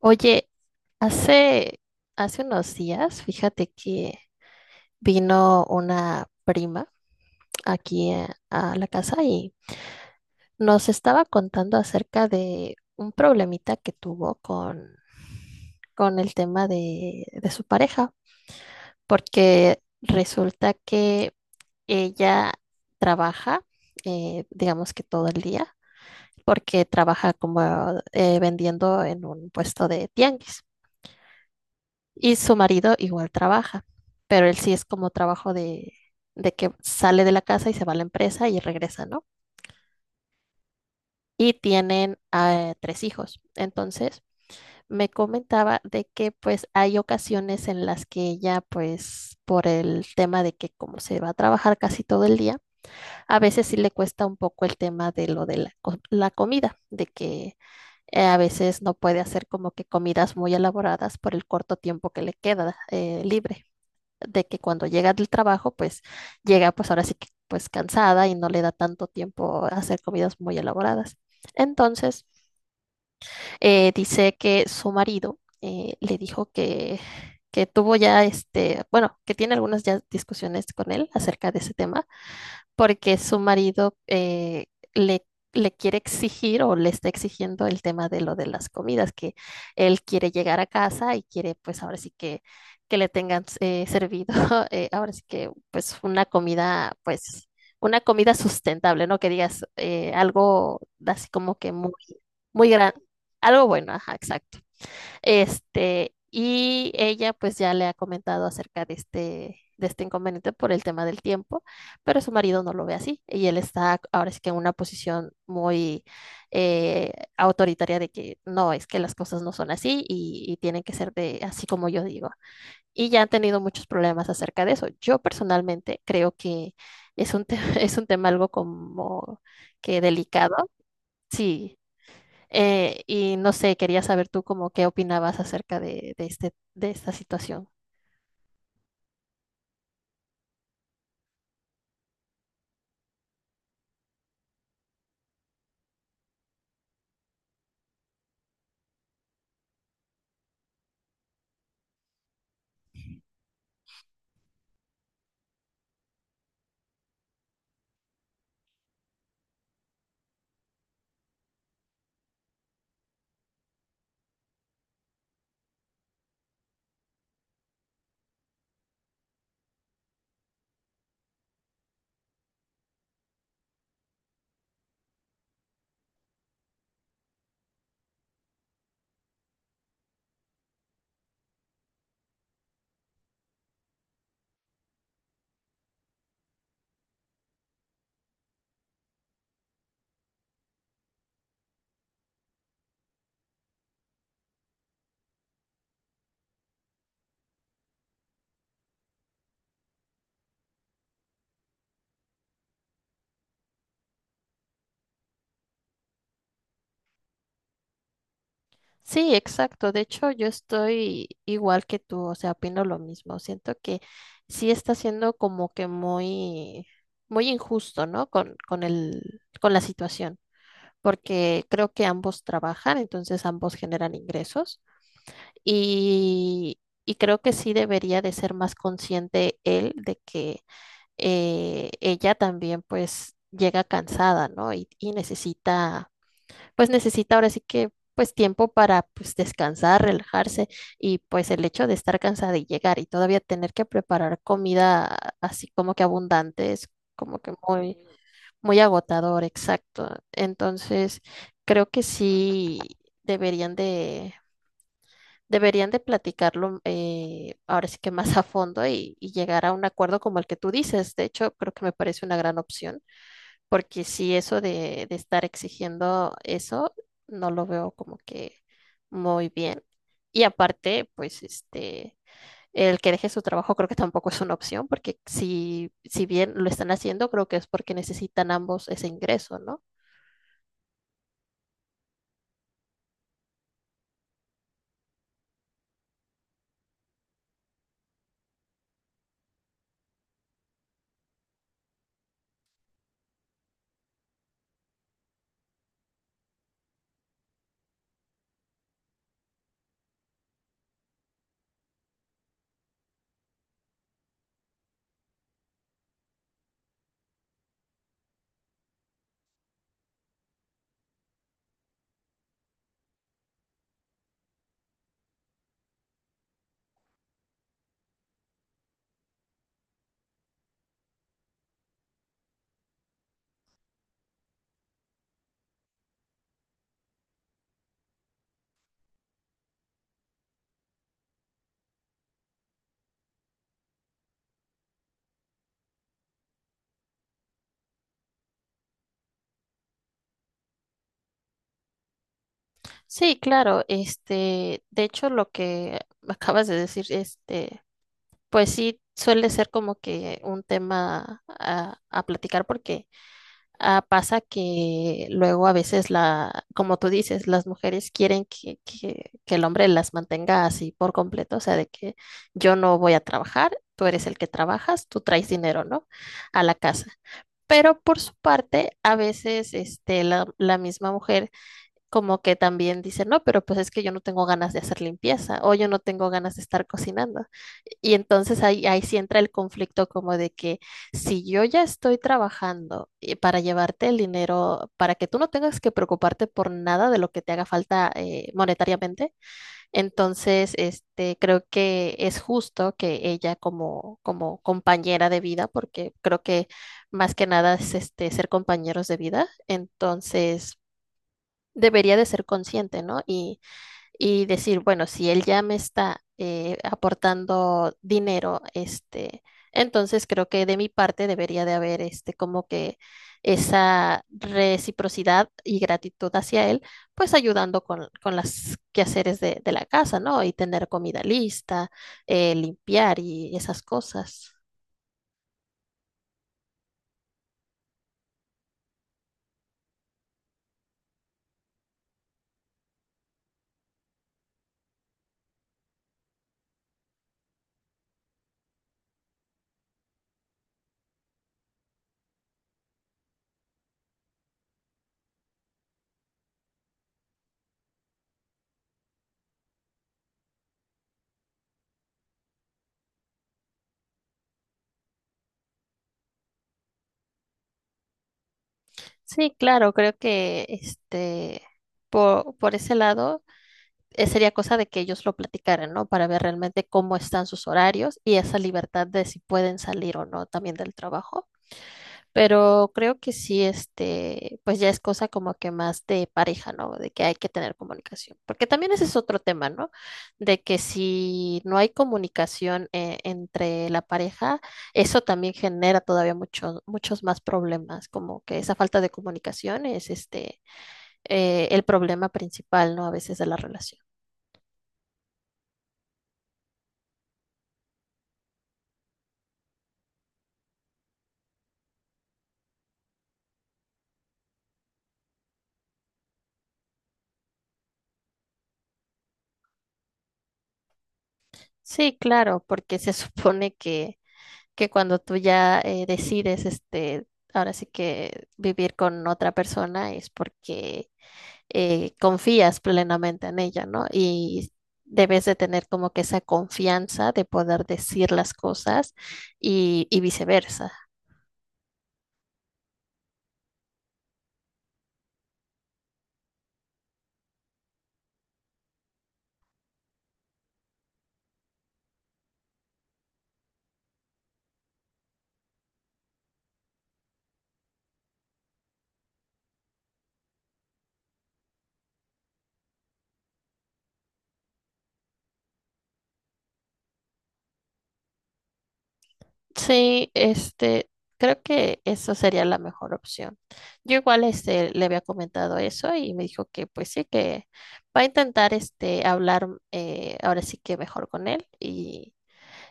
Oye, hace, hace unos días, fíjate que vino una prima aquí a la casa y nos estaba contando acerca de un problemita que tuvo con el tema de su pareja, porque resulta que ella trabaja, digamos que todo el día, porque trabaja como vendiendo en un puesto de tianguis. Y su marido igual trabaja, pero él sí es como trabajo de que sale de la casa y se va a la empresa y regresa, ¿no? Y tienen tres hijos. Entonces, me comentaba de que pues hay ocasiones en las que ella pues por el tema de que como se va a trabajar casi todo el día, a veces sí le cuesta un poco el tema de lo de la comida, de que a veces no puede hacer como que comidas muy elaboradas por el corto tiempo que le queda libre. De que cuando llega del trabajo, pues llega pues ahora sí que pues cansada y no le da tanto tiempo a hacer comidas muy elaboradas. Entonces, dice que su marido le dijo que tuvo ya bueno, que tiene algunas ya discusiones con él acerca de ese tema porque su marido le, le quiere exigir o le está exigiendo el tema de lo de las comidas, que él quiere llegar a casa y quiere pues ahora sí que le tengan servido, ahora sí que pues una comida sustentable, ¿no? Que digas algo así como que muy gran, algo bueno, ajá, exacto. Y ella pues ya le ha comentado acerca de de este inconveniente por el tema del tiempo, pero su marido no lo ve así y él está ahora sí que en una posición muy eh, autoritaria de que no, es que las cosas no son así y tienen que ser de así como yo digo. Y ya han tenido muchos problemas acerca de eso. Yo personalmente creo que es un, te- es un tema algo como que delicado, sí. Y no sé, quería saber tú como qué opinabas acerca de de esta situación. Sí, exacto. De hecho, yo estoy igual que tú, o sea, opino lo mismo. Siento que sí está siendo como que muy injusto, ¿no? Con la situación, porque creo que ambos trabajan, entonces ambos generan ingresos y, y creo que sí debería de ser más consciente él de que ella también pues llega cansada, ¿no? Y necesita, pues necesita ahora sí que pues tiempo para pues descansar, relajarse y pues el hecho de estar cansada y llegar y todavía tener que preparar comida así como que abundante es como que muy agotador, exacto. Entonces, creo que sí deberían de deberían de platicarlo ahora sí que más a fondo y llegar a un acuerdo como el que tú dices. De hecho, creo que me parece una gran opción, porque si eso de estar exigiendo eso, no lo veo como que muy bien. Y aparte, pues el que deje su trabajo creo que tampoco es una opción, porque si bien lo están haciendo, creo que es porque necesitan ambos ese ingreso, ¿no? Sí, claro, de hecho, lo que acabas de decir, este. Pues sí, suele ser como que un tema a platicar porque ah, pasa que luego a veces como tú dices, las mujeres quieren que el hombre las mantenga así por completo, o sea, de que yo no voy a trabajar, tú eres el que trabajas, tú traes dinero, ¿no? A la casa. Pero por su parte, a veces la misma mujer como que también dicen, no, pero pues es que yo no tengo ganas de hacer limpieza o yo no tengo ganas de estar cocinando. Y entonces ahí sí entra el conflicto como de que si yo ya estoy trabajando para llevarte el dinero, para que tú no tengas que preocuparte por nada de lo que te haga falta monetariamente, entonces creo que es justo que ella como compañera de vida, porque creo que más que nada es ser compañeros de vida, entonces debería de ser consciente, ¿no? Y decir, bueno, si él ya me está aportando dinero, entonces creo que de mi parte debería de haber como que esa reciprocidad y gratitud hacia él, pues ayudando con las quehaceres de la casa, ¿no? Y tener comida lista, limpiar y esas cosas. Sí, claro, creo que por ese lado sería cosa de que ellos lo platicaran, ¿no? Para ver realmente cómo están sus horarios y esa libertad de si pueden salir o no también del trabajo. Pero creo que sí, pues ya es cosa como que más de pareja, ¿no? De que hay que tener comunicación. Porque también ese es otro tema, ¿no? De que si no hay comunicación entre la pareja, eso también genera todavía muchos más problemas, como que esa falta de comunicación es el problema principal, ¿no? A veces de la relación. Sí, claro, porque se supone que cuando tú ya decides, ahora sí que vivir con otra persona es porque confías plenamente en ella, ¿no? Y debes de tener como que esa confianza de poder decir las cosas y viceversa. Sí, creo que eso sería la mejor opción. Yo igual este le había comentado eso y me dijo que pues sí, que va a intentar este hablar ahora sí que mejor con él y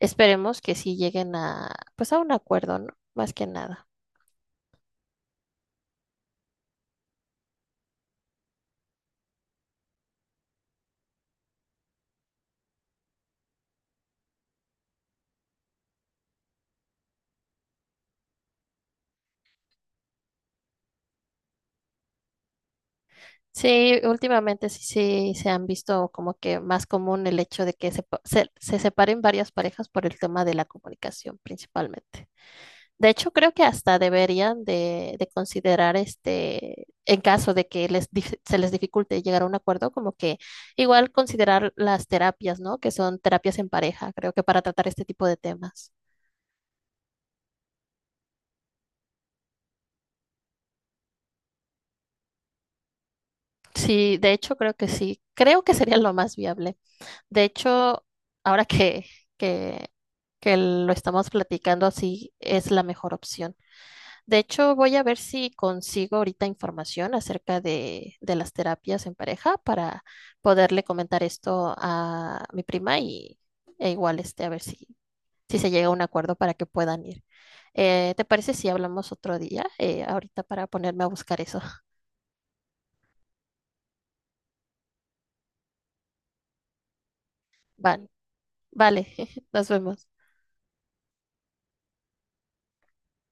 esperemos que sí lleguen a pues a un acuerdo, ¿no? Más que nada. Sí, últimamente sí se han visto como que más común el hecho de que se separen varias parejas por el tema de la comunicación principalmente. De hecho, creo que hasta deberían de considerar en caso de que se les dificulte llegar a un acuerdo, como que igual considerar las terapias, ¿no? Que son terapias en pareja, creo que para tratar este tipo de temas. Sí, de hecho, creo que sí. Creo que sería lo más viable. De hecho, ahora que, que lo estamos platicando así, es la mejor opción. De hecho, voy a ver si consigo ahorita información acerca de las terapias en pareja para poderle comentar esto a mi prima y e igual a ver si se llega a un acuerdo para que puedan ir. ¿Te parece si hablamos otro día? Ahorita para ponerme a buscar eso. Vale, vale, nos vemos.